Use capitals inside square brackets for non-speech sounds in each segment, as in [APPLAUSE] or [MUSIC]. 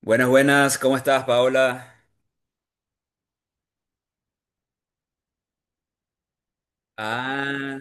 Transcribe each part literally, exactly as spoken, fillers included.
Buenas, buenas, ¿cómo estás, Paola? Ah,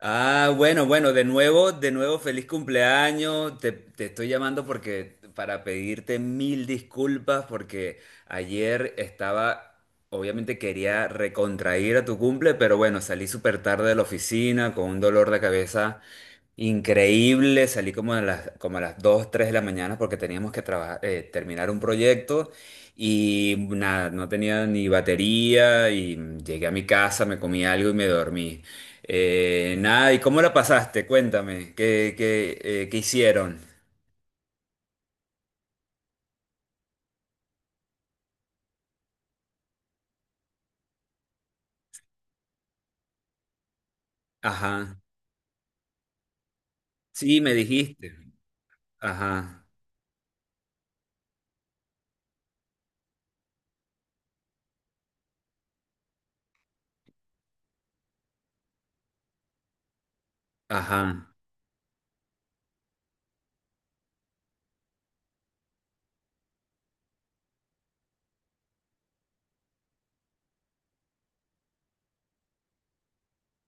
ah, bueno, bueno, de nuevo, de nuevo, feliz cumpleaños. Te, te estoy llamando porque para pedirte mil disculpas porque ayer estaba, obviamente quería recontrair a tu cumple, pero bueno, salí súper tarde de la oficina con un dolor de cabeza increíble. Salí como a las, como a las dos tres de la mañana porque teníamos que trabajar, eh, terminar un proyecto, y nada, no tenía ni batería y llegué a mi casa, me comí algo y me dormí. Eh, nada, ¿y cómo la pasaste? Cuéntame, ¿qué, qué, eh, qué hicieron? Ajá, sí, me dijiste. Ajá, ajá.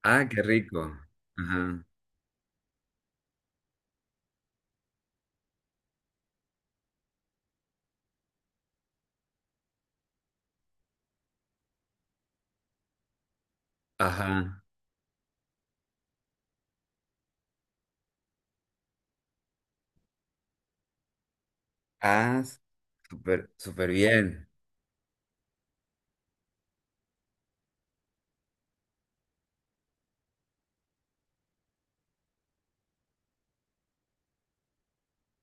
Ah, qué rico. Ajá, ajá. Ah, súper, súper bien.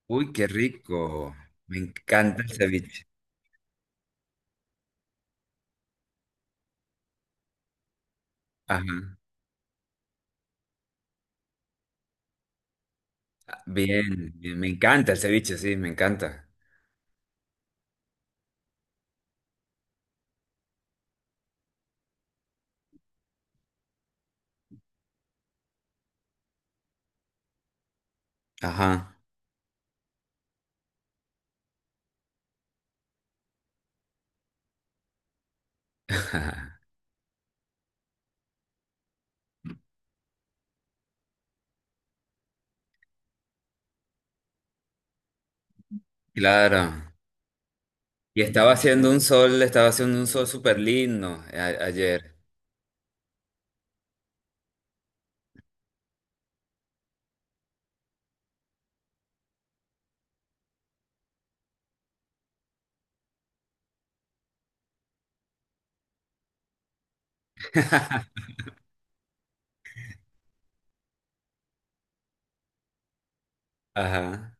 Uy, qué rico. Me encanta el ceviche. Ajá. Bien, bien, me encanta el ceviche, sí, me encanta. Ajá. [LAUGHS] Claro. Y estaba haciendo un sol, estaba haciendo un sol súper lindo eh, a- ayer. Ajá.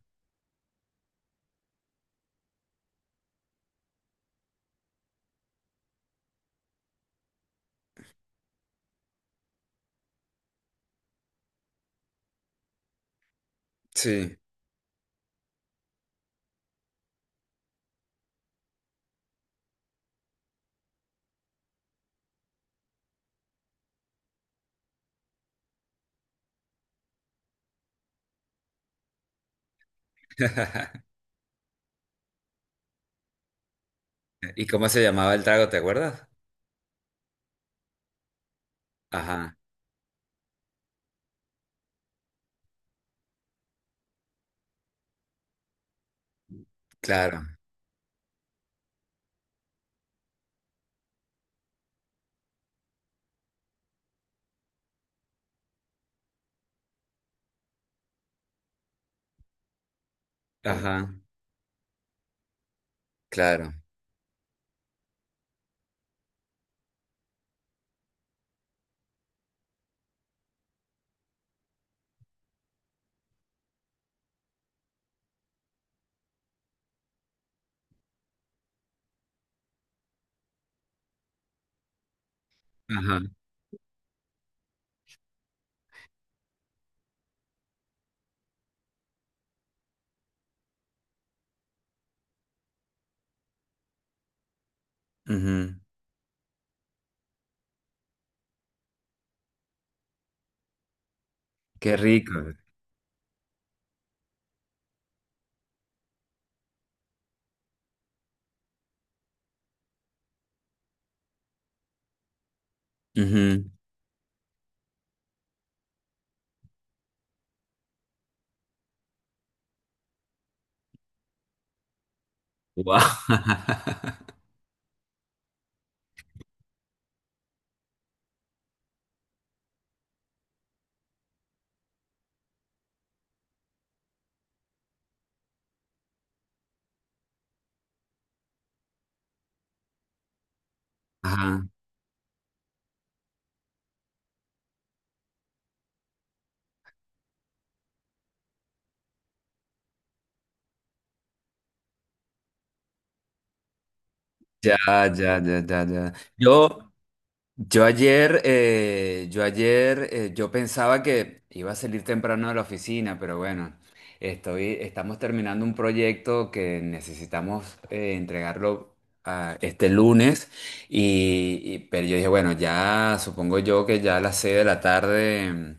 Sí. [LAUGHS] ¿Y cómo se llamaba el trago, te acuerdas? Ajá. Claro. Ajá. Claro. Ajá. Ujú. Qué rico. Ujú. Guau. [LAUGHS] Ajá. Ya, ya, ya, ya, ya. Yo, Yo ayer, eh, yo ayer, eh, yo pensaba que iba a salir temprano de la oficina, pero bueno, estoy, estamos terminando un proyecto que necesitamos eh, entregarlo ah, este lunes, y, y- pero yo dije, bueno, ya supongo yo que ya a las seis de la tarde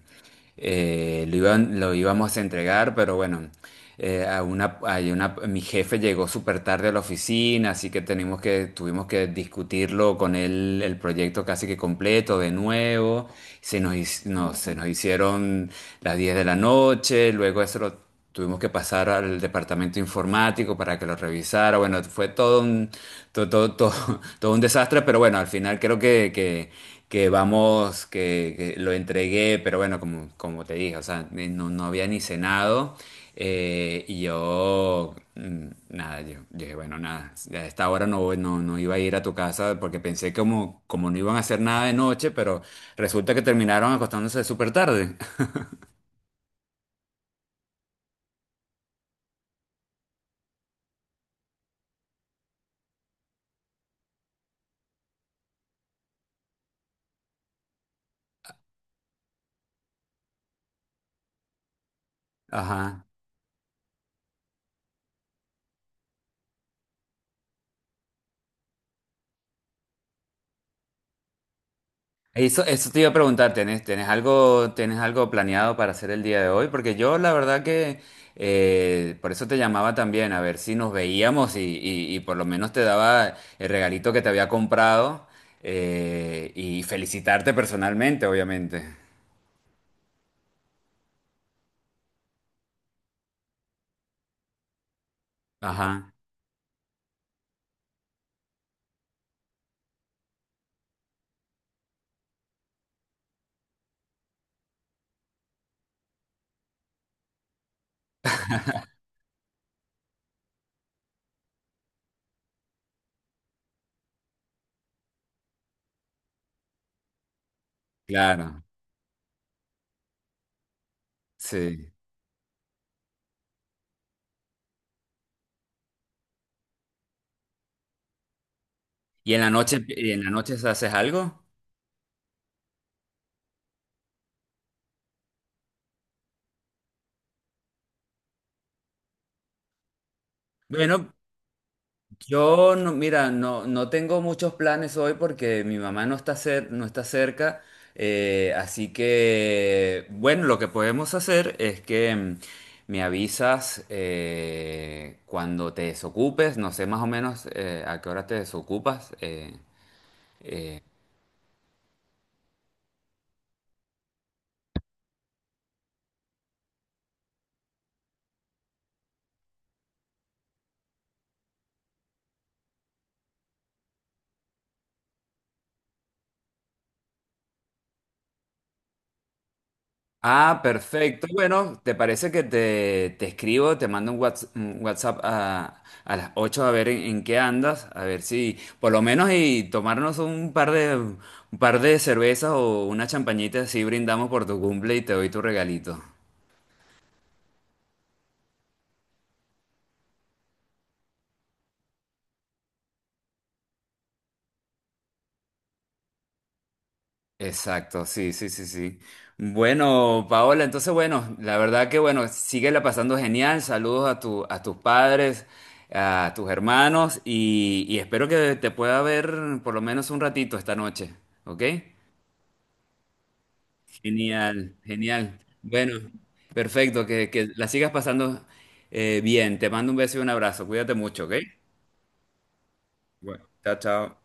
eh, lo iban- lo íbamos a entregar, pero bueno. Eh, a una, hay una, mi jefe llegó súper tarde a la oficina, así que tenemos que, tuvimos que discutirlo con él, el proyecto casi que completo de nuevo. Se nos, hic- no, se nos hicieron las diez de la noche, luego eso lo tuvimos que pasar al departamento informático para que lo revisara. Bueno, fue todo un, todo, todo, todo- [LAUGHS] todo un desastre, pero bueno, al final creo que, que, que vamos, que, que lo entregué, pero bueno, como, como te dije, o sea, eh, no, no había ni cenado. Eh, y yo, mm, nada, yo yo dije, bueno, nada, a esta hora no, voy- no, no iba a ir a tu casa porque pensé como, como no iban a hacer nada de noche, pero resulta que terminaron acostándose súper tarde. [LAUGHS] Ajá. Eso, eso te iba a preguntar. ¿tienes, tienes algo, tienes algo planeado para hacer el día de hoy? Porque yo la verdad que eh, por eso te llamaba también, a ver si nos veíamos y, y- y por lo menos te daba el regalito que te había comprado eh, y felicitarte personalmente, obviamente. Ajá, claro, sí. ¿Y en la noche, y en la noche haces algo? Bueno, yo no, mira, no, no tengo muchos planes hoy porque mi mamá no está cer- no está cerca. Eh, así que, bueno, lo que podemos hacer es que mm, me avisas eh, cuando te desocupes, no sé más o menos eh, a qué hora te desocupas. eh, eh, Ah, perfecto. Bueno, ¿te parece que te, te escribo, te mando un whats- un WhatsApp a, a las ocho a ver en, en qué andas? A ver si, por lo menos, y tomarnos un par de, un par de cervezas o una champañita, así brindamos por tu cumple y te doy tu regalito. Exacto, sí, sí, sí, sí. Bueno, Paola, entonces bueno, la verdad que bueno, síguela pasando genial. Saludos a tu, a tus padres, a tus hermanos y, y espero que te pueda ver por lo menos un ratito esta noche, ¿ok? Genial, genial. Bueno, perfecto, que, que la sigas pasando eh, bien. Te mando un beso y un abrazo. Cuídate mucho, ¿ok? Bueno, chao, chao.